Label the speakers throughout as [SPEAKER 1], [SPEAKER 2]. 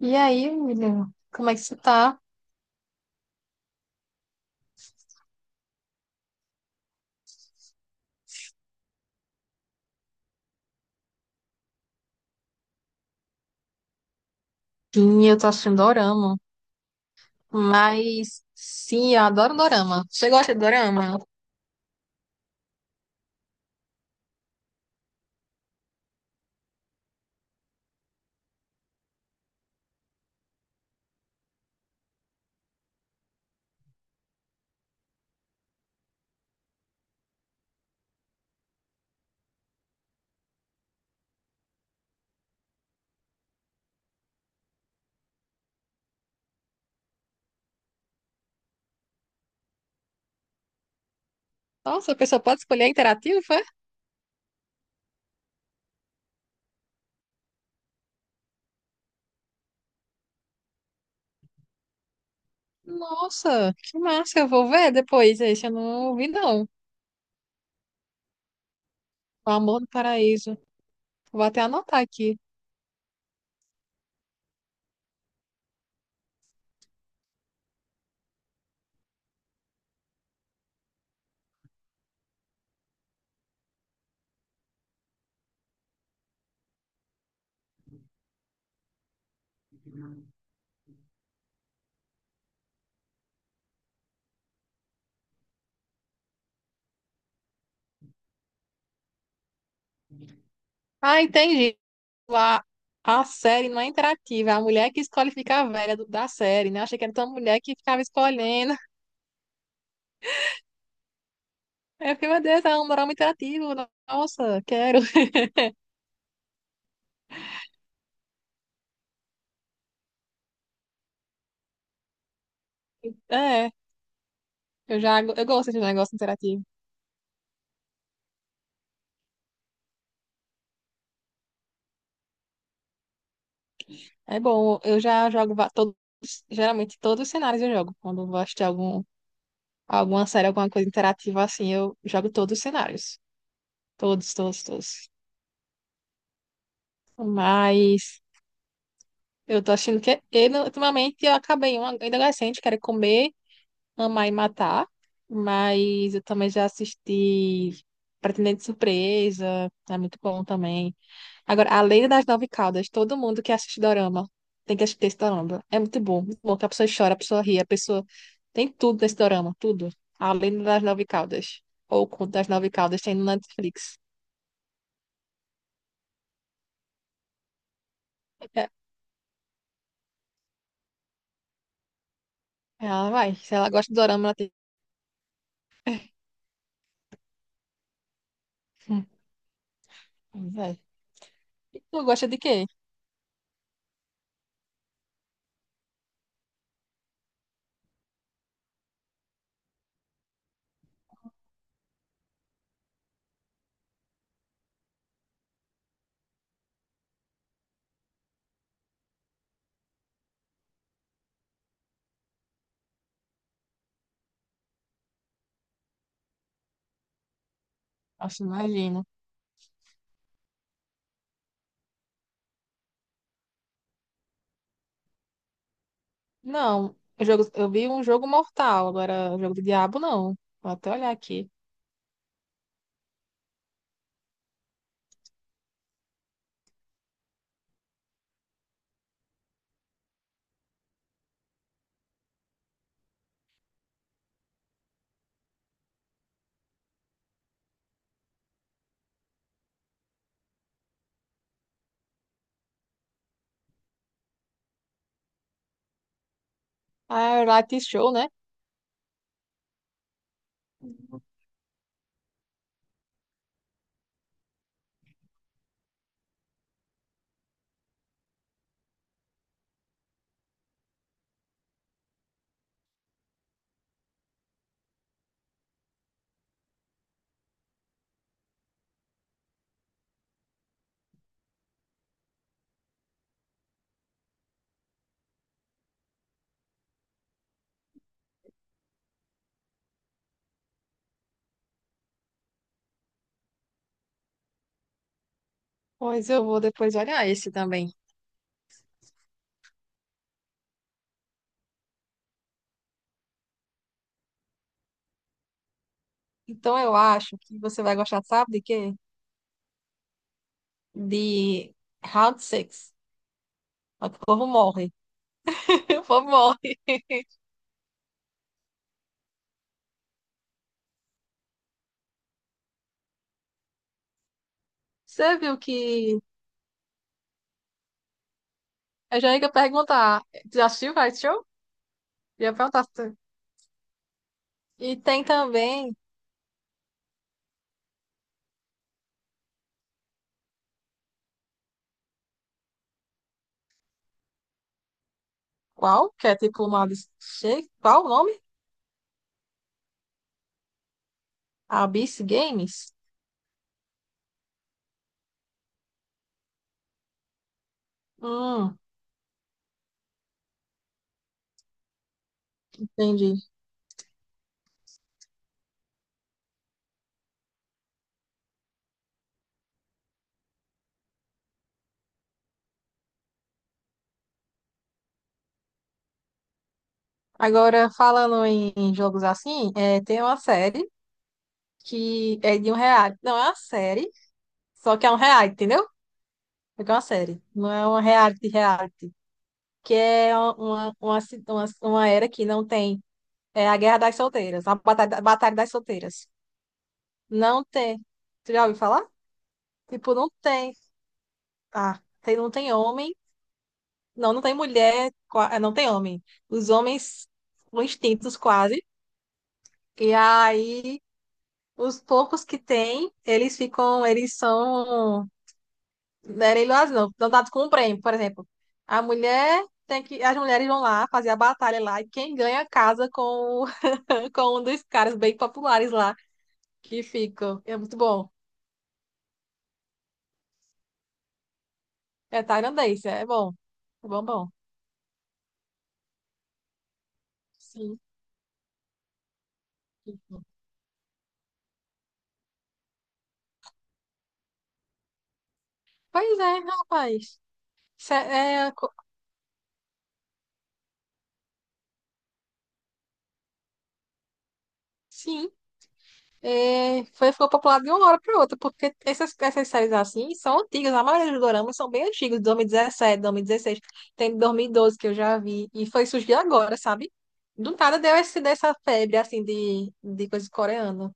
[SPEAKER 1] E aí, menina, como é que você tá? Sim, eu tô assistindo Dorama. Sim, eu adoro Dorama. Você gosta de Dorama? Nossa, a pessoa pode escolher interativo, é? Nossa, que massa, eu vou ver depois. Esse eu não vi, não. O Amor do Paraíso. Vou até anotar aqui. Ah, entendi. A, a série não é interativa, é a mulher que escolhe ficar velha da série, né? Achei que era tão mulher que ficava escolhendo. É, meu Deus, é um Dorama interativo. Nossa, quero. É. Eu gosto de negócio interativo. É bom, eu já todos, geralmente todos os cenários eu jogo. Quando eu vou assistir algum, alguma série, alguma coisa interativa assim, eu jogo todos os cenários. Todos, todos, todos. Mas eu tô achando que é, eu, não- ultimamente eu acabei um ainda adolescente, quero comer, amar e matar. Mas eu também já assisti Pretendente Surpresa, é muito bom também. Agora, A Lei das Nove Caudas, todo mundo que assiste Dorama tem que assistir esse Dorama. É muito bom, muito bom, que a pessoa chora, a pessoa ri, a pessoa tem tudo nesse Dorama, tudo. A Lei das Nove Caudas, ou o Conto das Nove Caudas, tem no Netflix. É. Ela vai, se ela gosta de Dorama, ela tem. Hum. Vai. E tu gosta de quê? Nossa, imagino. Não, eu vi um jogo mortal, agora o jogo do diabo não. Vou até olhar aqui. Ah, é o Light Show, né? Pois eu vou depois olhar esse também. Então eu acho que você vai gostar, sabe de quê? De Round Six. O povo morre. O povo morre. Você viu que. Eu já ia perguntar. Já assistiu Vai Show? Já perguntar. Se- E tem também. Qual? Que é tipo uma. Des- che- Qual o nome? Abyss Games? Hum, entendi. Agora, falando em jogos assim, é, tem uma série que é de um reality. Não, é uma série, só que é um reality, entendeu? Porque é uma série. Não é uma reality. Que é uma era que não tem. É a Guerra das Solteiras, a Batalha das Solteiras. Não tem. Tu já ouviu falar? Tipo, não tem. Ah, tem, não tem homem. Não, não tem mulher. Não tem homem. Os homens são extintos quase. E aí, os poucos que tem, eles ficam, eles são. Não era iluas, não. Não dado com um prêmio, por exemplo. A mulher tem que. As mulheres vão lá fazer a batalha lá. E quem ganha casa com, com um dos caras bem populares lá que ficam. É muito bom. É tailandês, é bom. É bom, bom. Sim. Pois é, rapaz. Isso É, é, co- sim, é, foi, ficou popular de uma hora para outra, porque essas séries assim são antigas. A maioria dos doramas são bem antigos, de 2017, 2016. Tem de 2012 que eu já vi. E foi surgir agora, sabe? Do nada deu esse, dessa febre, assim, de coisa coreana.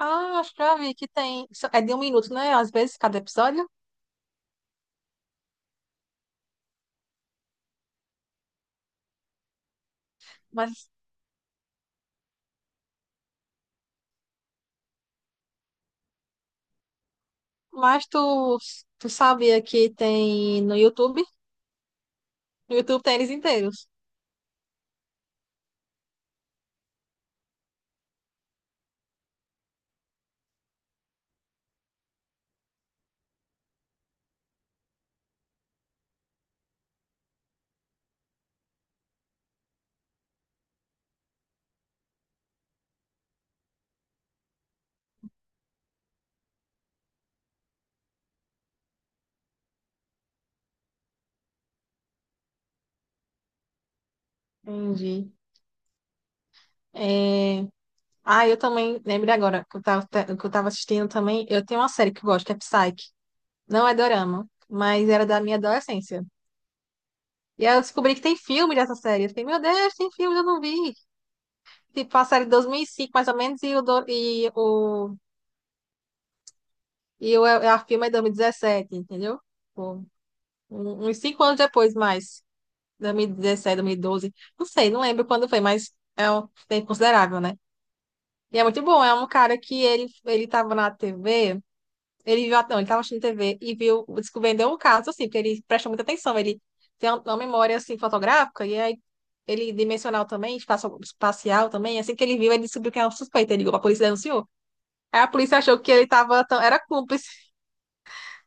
[SPEAKER 1] Ah, acho que já vi que tem. É de um minuto, né? Às vezes, cada episódio. Mas, mas tu sabia que tem no YouTube? No YouTube tem eles inteiros. Entendi. É... Ah, eu também, lembrei agora, que eu tava assistindo também, eu tenho uma série que eu gosto, que é Psyche. Não é dorama, mas era da minha adolescência. E aí eu descobri que tem filme dessa série. Eu fiquei, meu Deus, tem filme, eu não vi. Tipo, a série de 2005, mais ou menos, e o, do- e o é, a filme é 2017, entendeu? Tipo, uns 5 anos depois, mais. 2017, 2012. Não sei, não lembro quando foi, mas é um tempo considerável, né? E é muito bom, é um cara que ele tava na TV, ele viu, não, ele tava assistindo TV e viu, descobriu um caso, assim, porque ele presta muita atenção, ele tem um, uma memória, assim, fotográfica, e aí ele dimensional também, espacial também, assim que ele viu, ele descobriu que era um suspeito, ele ligou pra polícia e denunciou. Aí a polícia achou que ele tava, era cúmplice.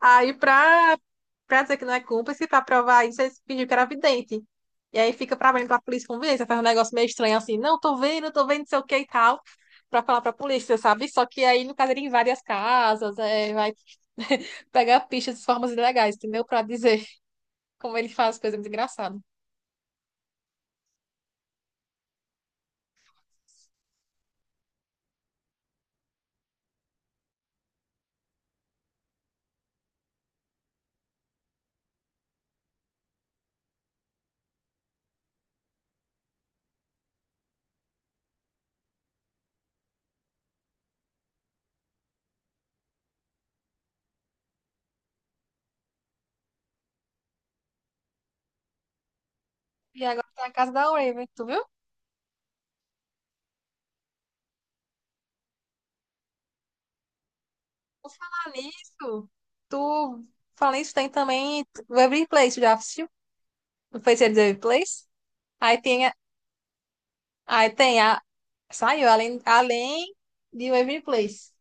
[SPEAKER 1] Aí, pra, pra dizer que não é cúmplice, pra provar isso, eles pediram que era vidente. E aí fica pra mim, pra polícia convencer, faz um negócio meio estranho assim, não, tô vendo, não sei o que e tal, pra falar pra polícia, sabe? Só que aí, no caso, ele invade as casas, é, vai pegar pistas de formas ilegais, entendeu? Pra dizer, como ele faz coisa muito engraçada. E agora tá na casa da Raven, tu viu? Por falar nisso, tu fala isso, tem também o Every Place, já assistiu? Não foi esse Every Place? Aí tem Aí tem a. Saiu, além de Waving Place.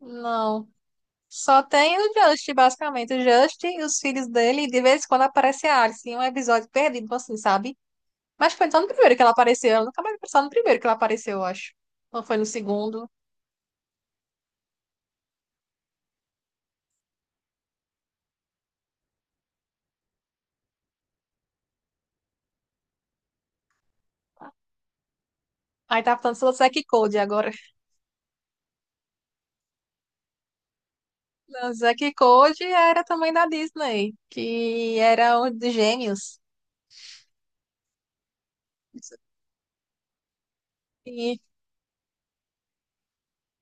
[SPEAKER 1] Não. Só tem o Just, basicamente. O Just, e os filhos dele, e de vez em quando aparece a Alice em um episódio perdido, tipo assim, sabe? Mas foi só no primeiro que ela apareceu. Ela nunca mais vi, só no primeiro que ela apareceu, eu acho. Não foi no segundo. Aí tá falando sobre o Zack e Cody agora. Não, o Zack e Cody era também da Disney, que era um dos gêmeos. E,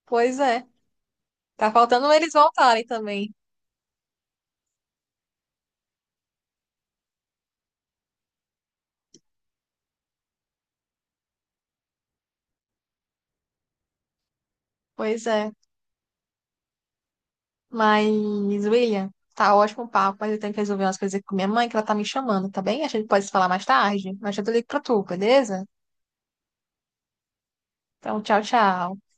[SPEAKER 1] pois é. Tá faltando eles voltarem também. Pois é. Mas, William, tá ótimo o papo, mas eu tenho que resolver umas coisas aqui com minha mãe, que ela tá me chamando, tá bem? A gente pode se falar mais tarde, mas eu te ligo pra tu, beleza? Então, tchau, tchau.